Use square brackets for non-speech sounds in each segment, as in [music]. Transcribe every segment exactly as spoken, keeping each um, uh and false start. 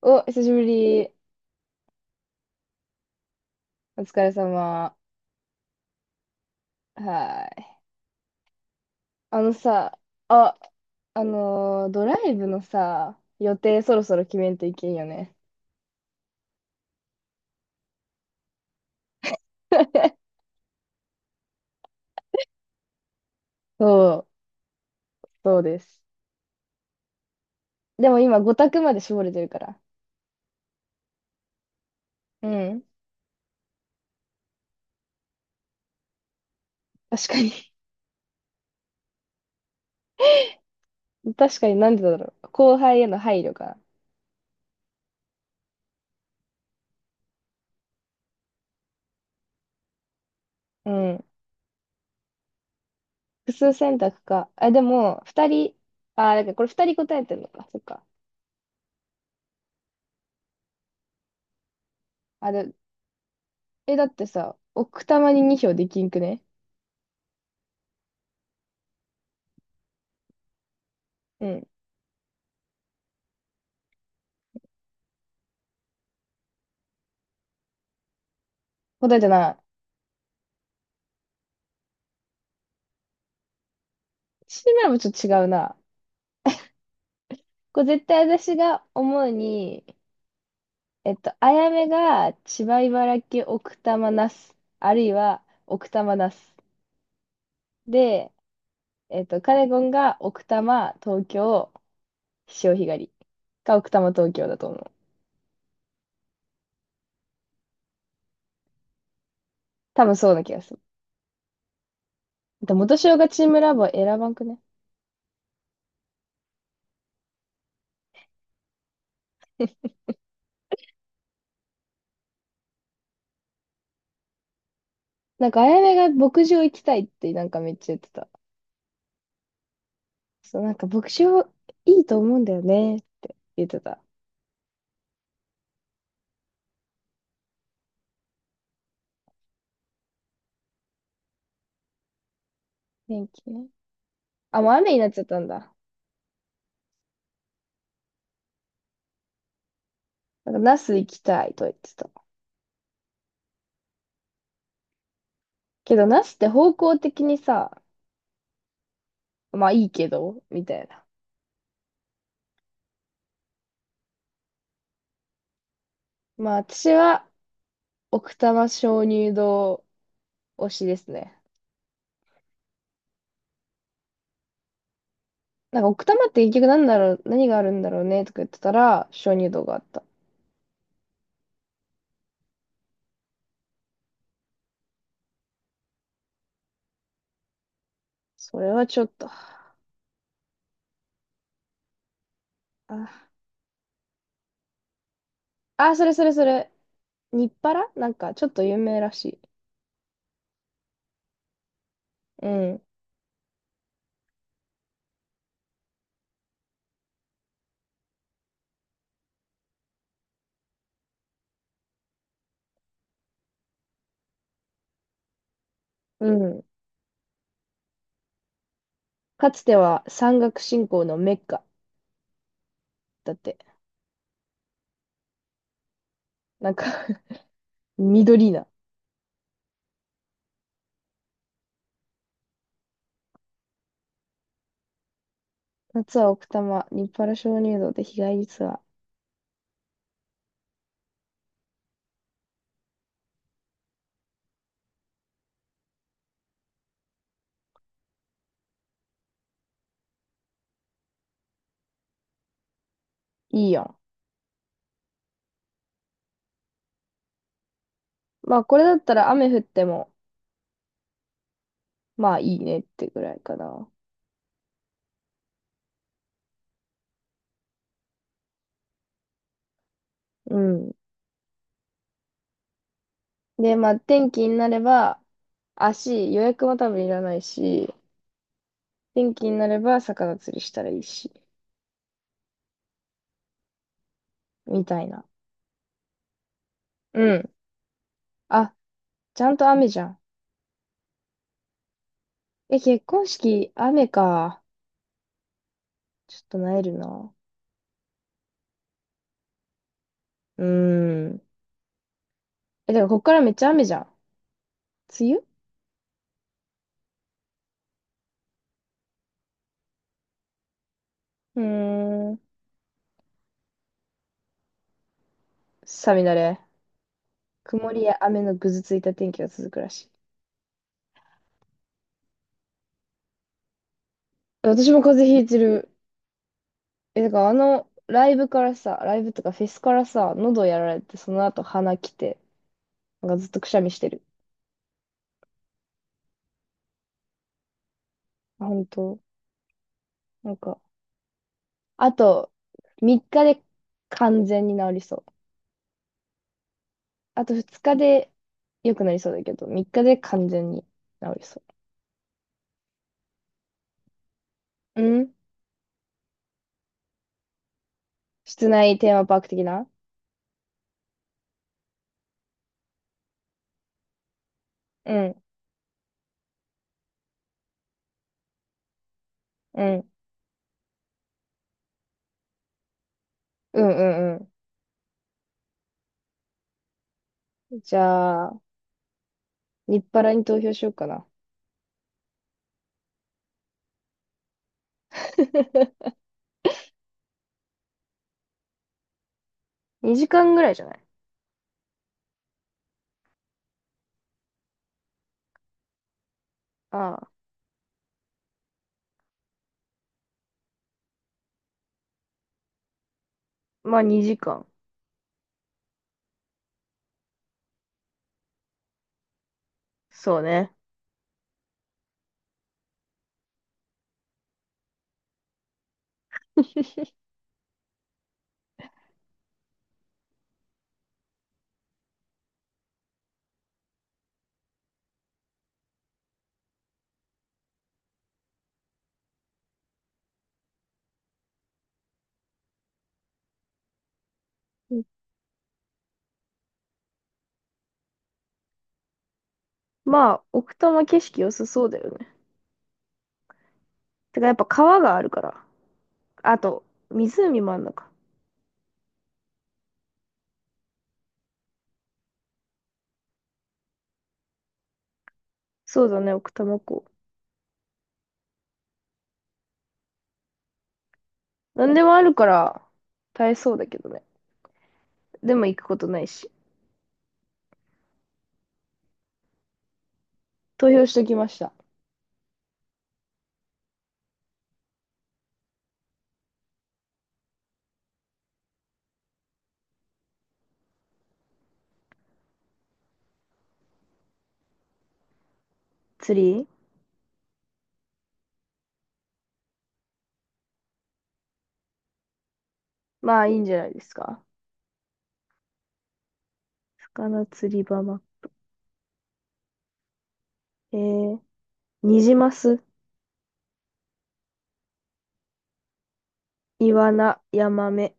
お、久しぶり。お疲れ様。はい。あのさ、あ、あのードライブのさ、予定そろそろ決めんといけんよね。[laughs] そう、そうです。でも今、ごたく択まで絞れてるから。うん。確かに。 [laughs] 確かになんでだろう。後輩への配慮か。うん。複数選択か。あ、でも、ふたり、あ、だからこれふたり答えてるのか。そっか。あれ、え、だってさ、奥多摩ににひょう票できんくね？うん。答えてない。シーマラもちょっと違うな。これ絶対私が思うに、えっと、あやめが千葉茨城奥多摩那須、あるいは奥多摩那須。で、えっと、カネゴンが奥多摩東京潮干狩りか奥多摩東京だと思う。多分そうな気がする。で、元潮がチームラボ選ばんくね？なんかあやめが牧場行きたいってなんかめっちゃ言ってた。そう、なんか牧場いいと思うんだよねって言ってた。天気ね。あ、もう雨になっちゃったんだ。なんか那須行きたいと言ってた。けど、なしって方向的にさ、まあいいけど、みたいな。まあ私は、奥多摩鍾乳洞推しですね。なんか奥多摩って結局なんだろう、何があるんだろうねとか言ってたら、鍾乳洞があった。それはちょっと、あ、あ、それそれそれ、日原なんかちょっと有名らしい。うん、うん。かつては山岳信仰のメッカだって。なんか [laughs] 緑な。夏は奥多摩、日原鍾乳洞で日帰りツアー。いいやん。まあこれだったら雨降ってもまあいいねってぐらいかな。うん。で、まあ天気になれば、足、予約も多分いらないし、天気になれば魚釣りしたらいいし、みたいな。うん。あ、ちゃんと雨じゃん。え、結婚式、雨か。ちょっとなえるな。うーん。え、だからこっからめっちゃ雨じゃん。梅雨。うーん。さみだれ。曇りや雨のぐずついた天気が続くらしい。私も風邪ひいてる。え、だからあの、ライブからさ、ライブとかフェスからさ、喉やられて、その後鼻きて、なんかずっとくしゃみしてる。本当。なんか、あと、みっかで完全に治りそう。あとふつかで良くなりそうだけど、みっかで完全に治りそう。うん。室内テーマパーク的な。うん、うん、うん、うん、うん。じゃあ、日パラに投票しようかな。[laughs] にじかんぐらいじゃない？ああ、まあにじかん。そうね。まあ、奥多摩景色良さそうだよね。てか、やっぱ川があるから。あと、湖もあんのか。そうだね、奥多摩湖。なんでもあるから、耐えそうだけどね。でも行くことないし。投票しときました。釣り。まあ、いいんじゃないですか。魚釣り場ま。えー、ニジマス、イワナ、ヤマメ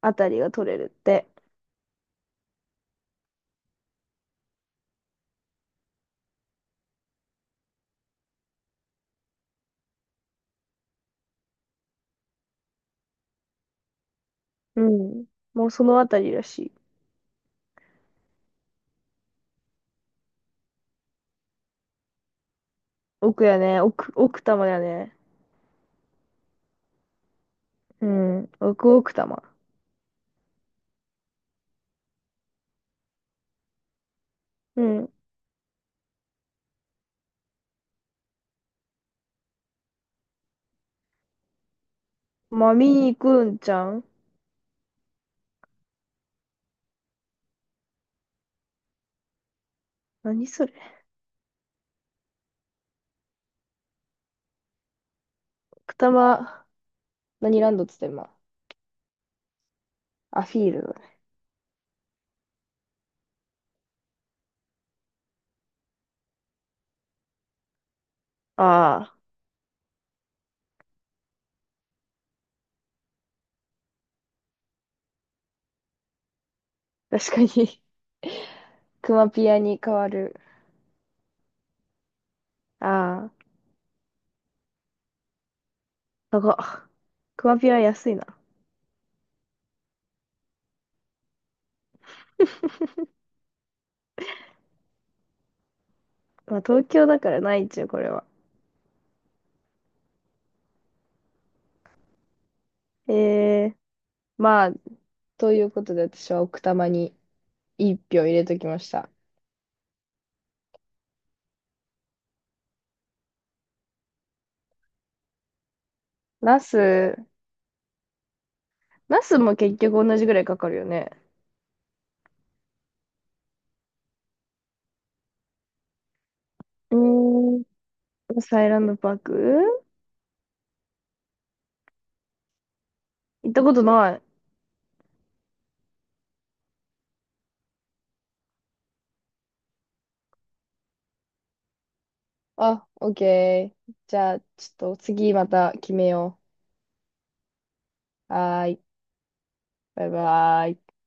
あたりが取れるって。うん。もうそのあたりらしい。奥やね。奥、奥多摩やね。うん。奥奥多摩。うん。まあ、見に行くんちゃん？何それ。奥多摩、何ランドっつってんま。アフィールド。ああ、確かに。 [laughs] クマピアに変わる。ああ、高っ。クマピア安いな。まあ、東京だからないっちゅう、これは。ええ、まあ、ということで私は奥多摩にいっぴょう入れときました。ナス、ナスも結局同じぐらいかかるよね。うーん、サイランドパーク行ったことない。あ、オッケー。じゃあ、ちょっと次また決めよう。はーい。バイバーイ。